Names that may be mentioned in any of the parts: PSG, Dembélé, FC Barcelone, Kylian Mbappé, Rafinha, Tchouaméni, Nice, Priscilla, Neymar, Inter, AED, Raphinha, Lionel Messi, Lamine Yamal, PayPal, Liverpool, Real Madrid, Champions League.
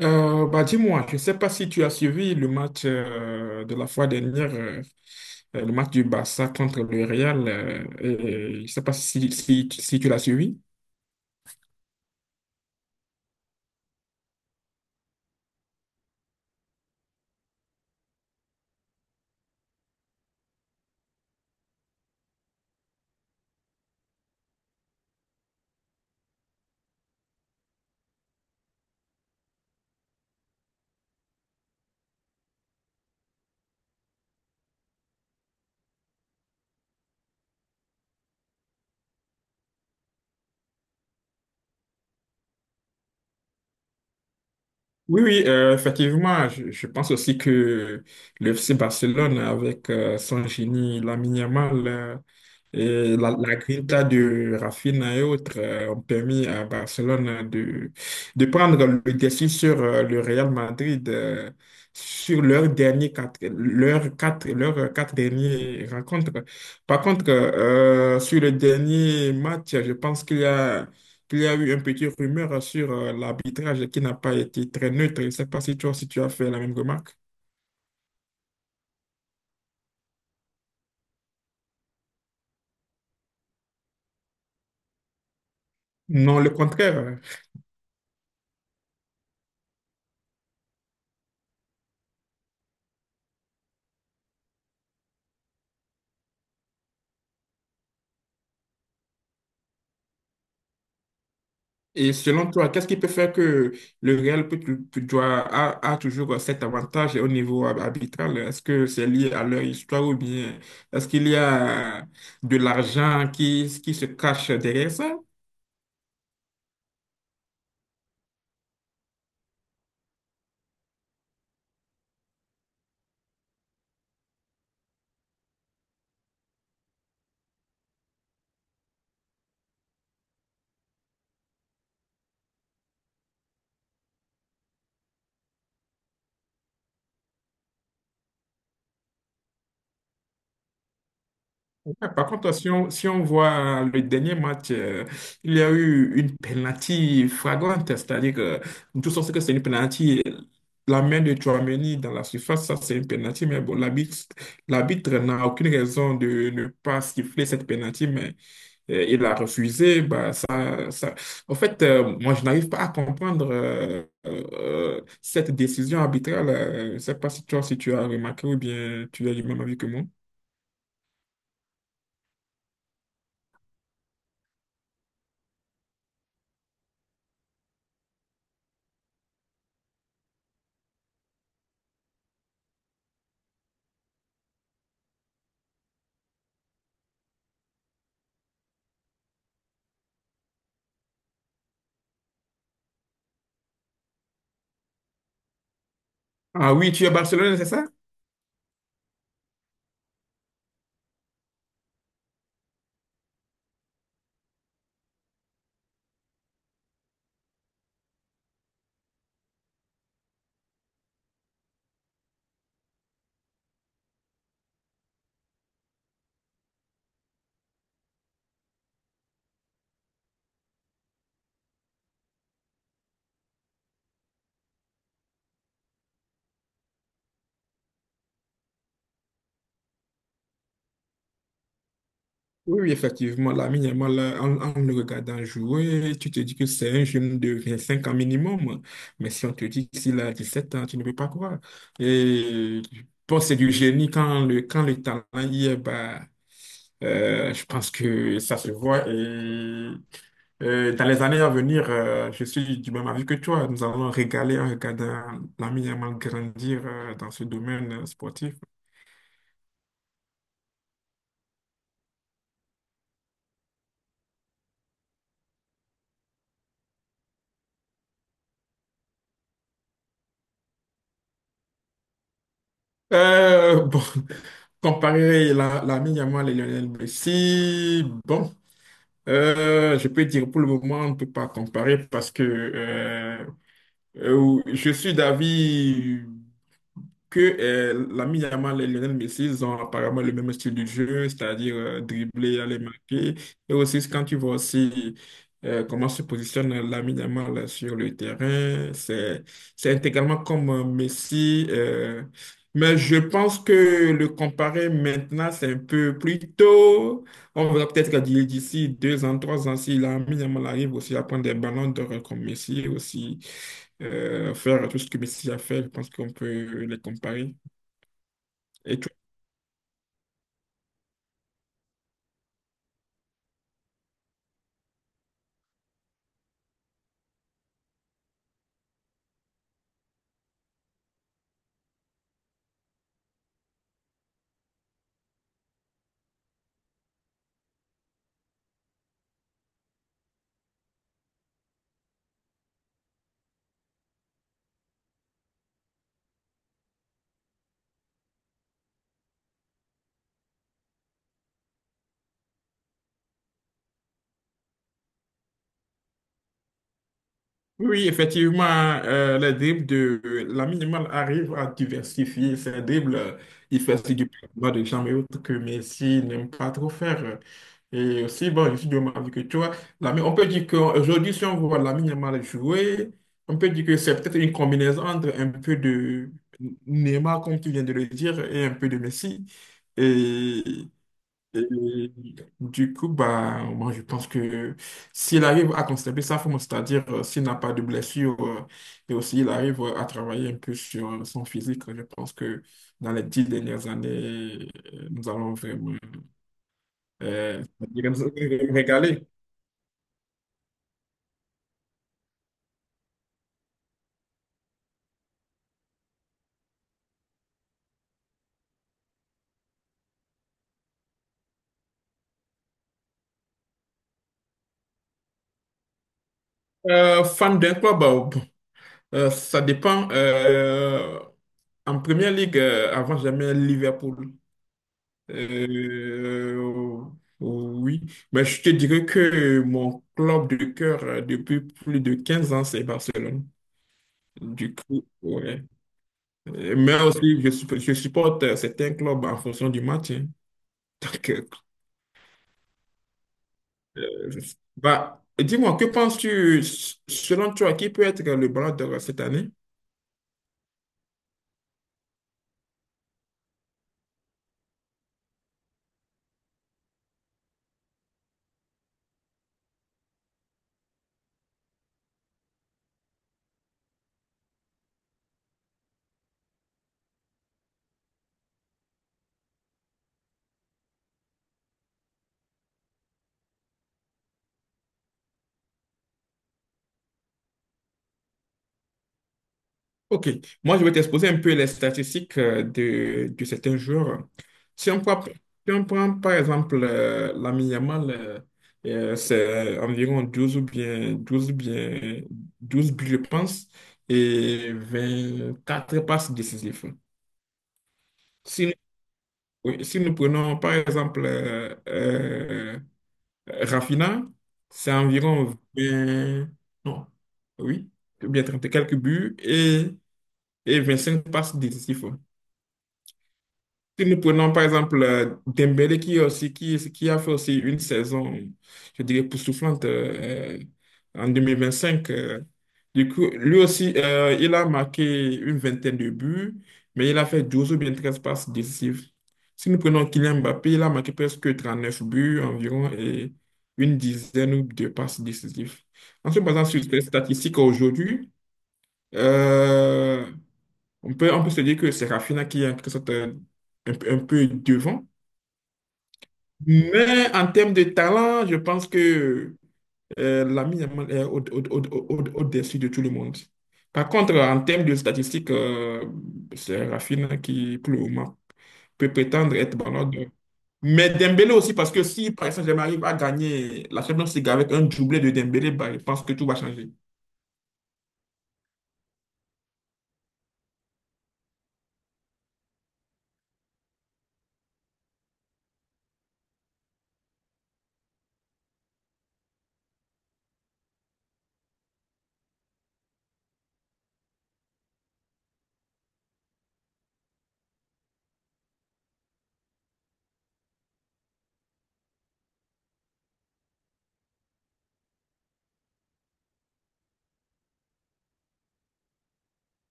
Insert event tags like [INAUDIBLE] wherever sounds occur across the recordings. Bah dis-moi, je ne sais pas si tu as suivi le match de la fois dernière, le match du Barça contre le Real. Et je ne sais pas si tu l'as suivi. Oui, oui, effectivement, je pense aussi que le FC Barcelone, avec son génie Lamine Yamal, et la grinta de Rafinha et autres ont permis à Barcelone de prendre le dessus sur le Real Madrid sur leurs derniers quatre, leurs quatre dernières rencontres. Par contre, sur le dernier match, je pense qu'il y a eu un petit rumeur sur l'arbitrage qui n'a pas été très neutre. Je ne sais pas si toi, si tu as fait la même remarque. Non, le contraire. Et selon toi, qu'est-ce qui peut faire que le Real doit, a toujours cet avantage au niveau arbitral? Est-ce que c'est lié à leur histoire ou bien est-ce qu'il y a de l'argent qui se cache derrière ça? Ouais. Par contre, si on voit, hein, le dernier match, il y a eu une penalty flagrante, c'est-à-dire que tout sens que c'est une penalty. La main de Tchouaméni dans la surface, ça c'est une penalty, mais bon, l'arbitre n'a aucune raison de ne pas siffler cette penalty, mais il a refusé. Bah, ça, ça. En fait, moi je n'arrive pas à comprendre cette décision arbitrale. Je ne sais pas si toi, si tu as remarqué ou bien tu as du même avis que moi. Ah oui, tu es à Barcelone, c'est ça? Oui, oui, effectivement, là, minimum, là, en le regardant jouer, tu te dis que c'est un jeune de 25 ans minimum. Mais si on te dit qu'il a 17 ans, tu ne peux pas croire. Et je pense que c'est du génie quand le talent y est, bah, je pense que ça se voit. Et dans les années à venir, je suis du même avis que toi. Nous allons régaler en regardant Lamine Yamal grandir dans ce domaine sportif. Bon, [LAUGHS] comparer l'ami Yamal et Lionel Messi, bon, je peux dire pour le moment, on ne peut pas comparer parce que je suis d'avis que l'ami Yamal et Lionel Messi ils ont apparemment le même style de jeu, c'est-à-dire dribbler, aller marquer. Et aussi, quand tu vois aussi comment se positionne l'ami Yamal sur le terrain, c'est intégralement comme Messi. Mais je pense que le comparer maintenant, c'est un peu plus tôt. On verra peut-être que d'ici deux ans, trois ans, si l'ami Yamal arrive aussi à prendre des ballons d'or comme Messi aussi faire tout ce que Messi a fait, je pense qu'on peut les comparer. Et tu- Oui, effectivement, les dribbles de Lamine Yamal arrive à diversifier ses dribbles. Il fait aussi du bas de jambes et autres que Messi n'aime pas trop faire. Et aussi, bon, je suis de même avis que toi. On peut dire qu'aujourd'hui, si on voit Lamine Yamal jouer, on peut dire que c'est peut-être une combinaison entre un peu de Neymar, comme tu viens de le dire, et un peu de Messi. Et Et du coup, bah, moi, je pense que s'il arrive à conserver sa forme, c'est-à-dire s'il n'a pas de blessure et aussi il arrive à travailler un peu sur son physique, je pense que dans les dix dernières années, nous allons vraiment c'est-à-dire nous régaler. Fan d'un club, bah, bon, ça dépend. En première ligue, avant, j'aimais Liverpool. Oh, oh, oui, mais je te dirais que mon club de cœur depuis plus de 15 ans, c'est Barcelone. Du coup, ouais. Mais aussi, je supporte certains clubs en fonction du match, hein. Donc, bah, dis-moi, que penses-tu, selon toi, qui peut être le ballon d'or cette année? Ok, moi je vais t'exposer un peu les statistiques de certains joueurs. Si on prend, par exemple Lamine Yamal, c'est environ 12 ou bien 12 ou bien 12 buts, je pense, et 24 passes décisives. Si nous, Oui, si nous prenons par exemple Raphinha, c'est environ vingt, non, oui, ou bien 30 et quelques buts, et 25 passes décisives. Si nous prenons par exemple Dembélé qui a fait aussi une saison, je dirais, époustouflante en 2025, du coup, lui aussi, il a marqué une vingtaine de buts, mais il a fait 12 ou bien 13 passes décisives. Si nous prenons Kylian Mbappé, il a marqué presque 39 buts environ et une dizaine de passes décisives. En se basant sur les statistiques aujourd'hui, euh, on peut se dire que c'est Rafinha qui est en quelque sorte un peu devant. Mais en termes de talent, je pense que Lamine Yamal est dessus de tout le monde. Par contre, en termes de statistiques, c'est Rafinha qui, pour le moment, peut prétendre être ballon d'or. Mais Dembélé aussi, parce que si, par exemple, j'arrive à gagner la Champions League avec un doublé de Dembélé, bah, je pense que tout va changer.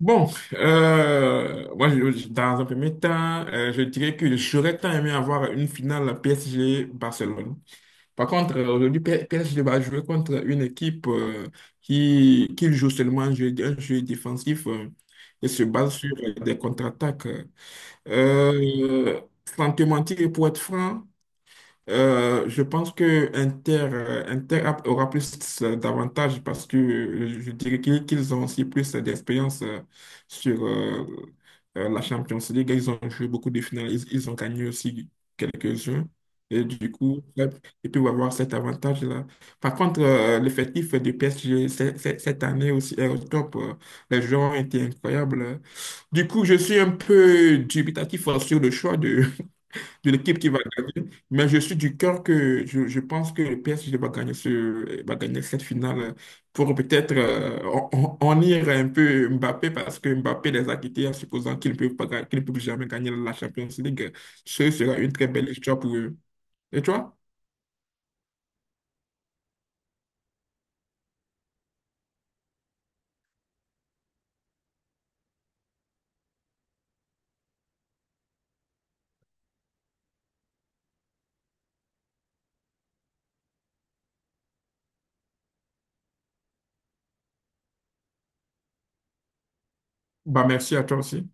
Bon, moi, dans un premier temps, je dirais que j'aurais tant aimé avoir une finale PSG-Barcelone. Par contre, aujourd'hui, PSG va jouer contre une équipe qui joue seulement un jeu défensif et se base sur des contre-attaques. Euh, Sans te mentir, et pour être franc, je pense que aura plus d'avantages parce que je dirais qu'ils ont aussi plus d'expérience sur la Champions League. Ils ont joué beaucoup de finales, ils ont gagné aussi quelques-uns. Et du coup, là, ils peuvent avoir cet avantage-là. Par contre, l'effectif du PSG cette année aussi est au top. Les joueurs ont été incroyables. Du coup, je suis un peu dubitatif sur le choix d'une équipe qui va gagner. Mais je suis du cœur que je pense que le PSG va gagner, va gagner cette finale pour peut-être en ir un peu Mbappé parce que Mbappé les a quittés en supposant qu'ils ne peuvent pas, qu'ils ne peuvent jamais gagner la Champions League. Ce sera une très belle histoire pour eux. Et toi? Bah, merci à toi aussi.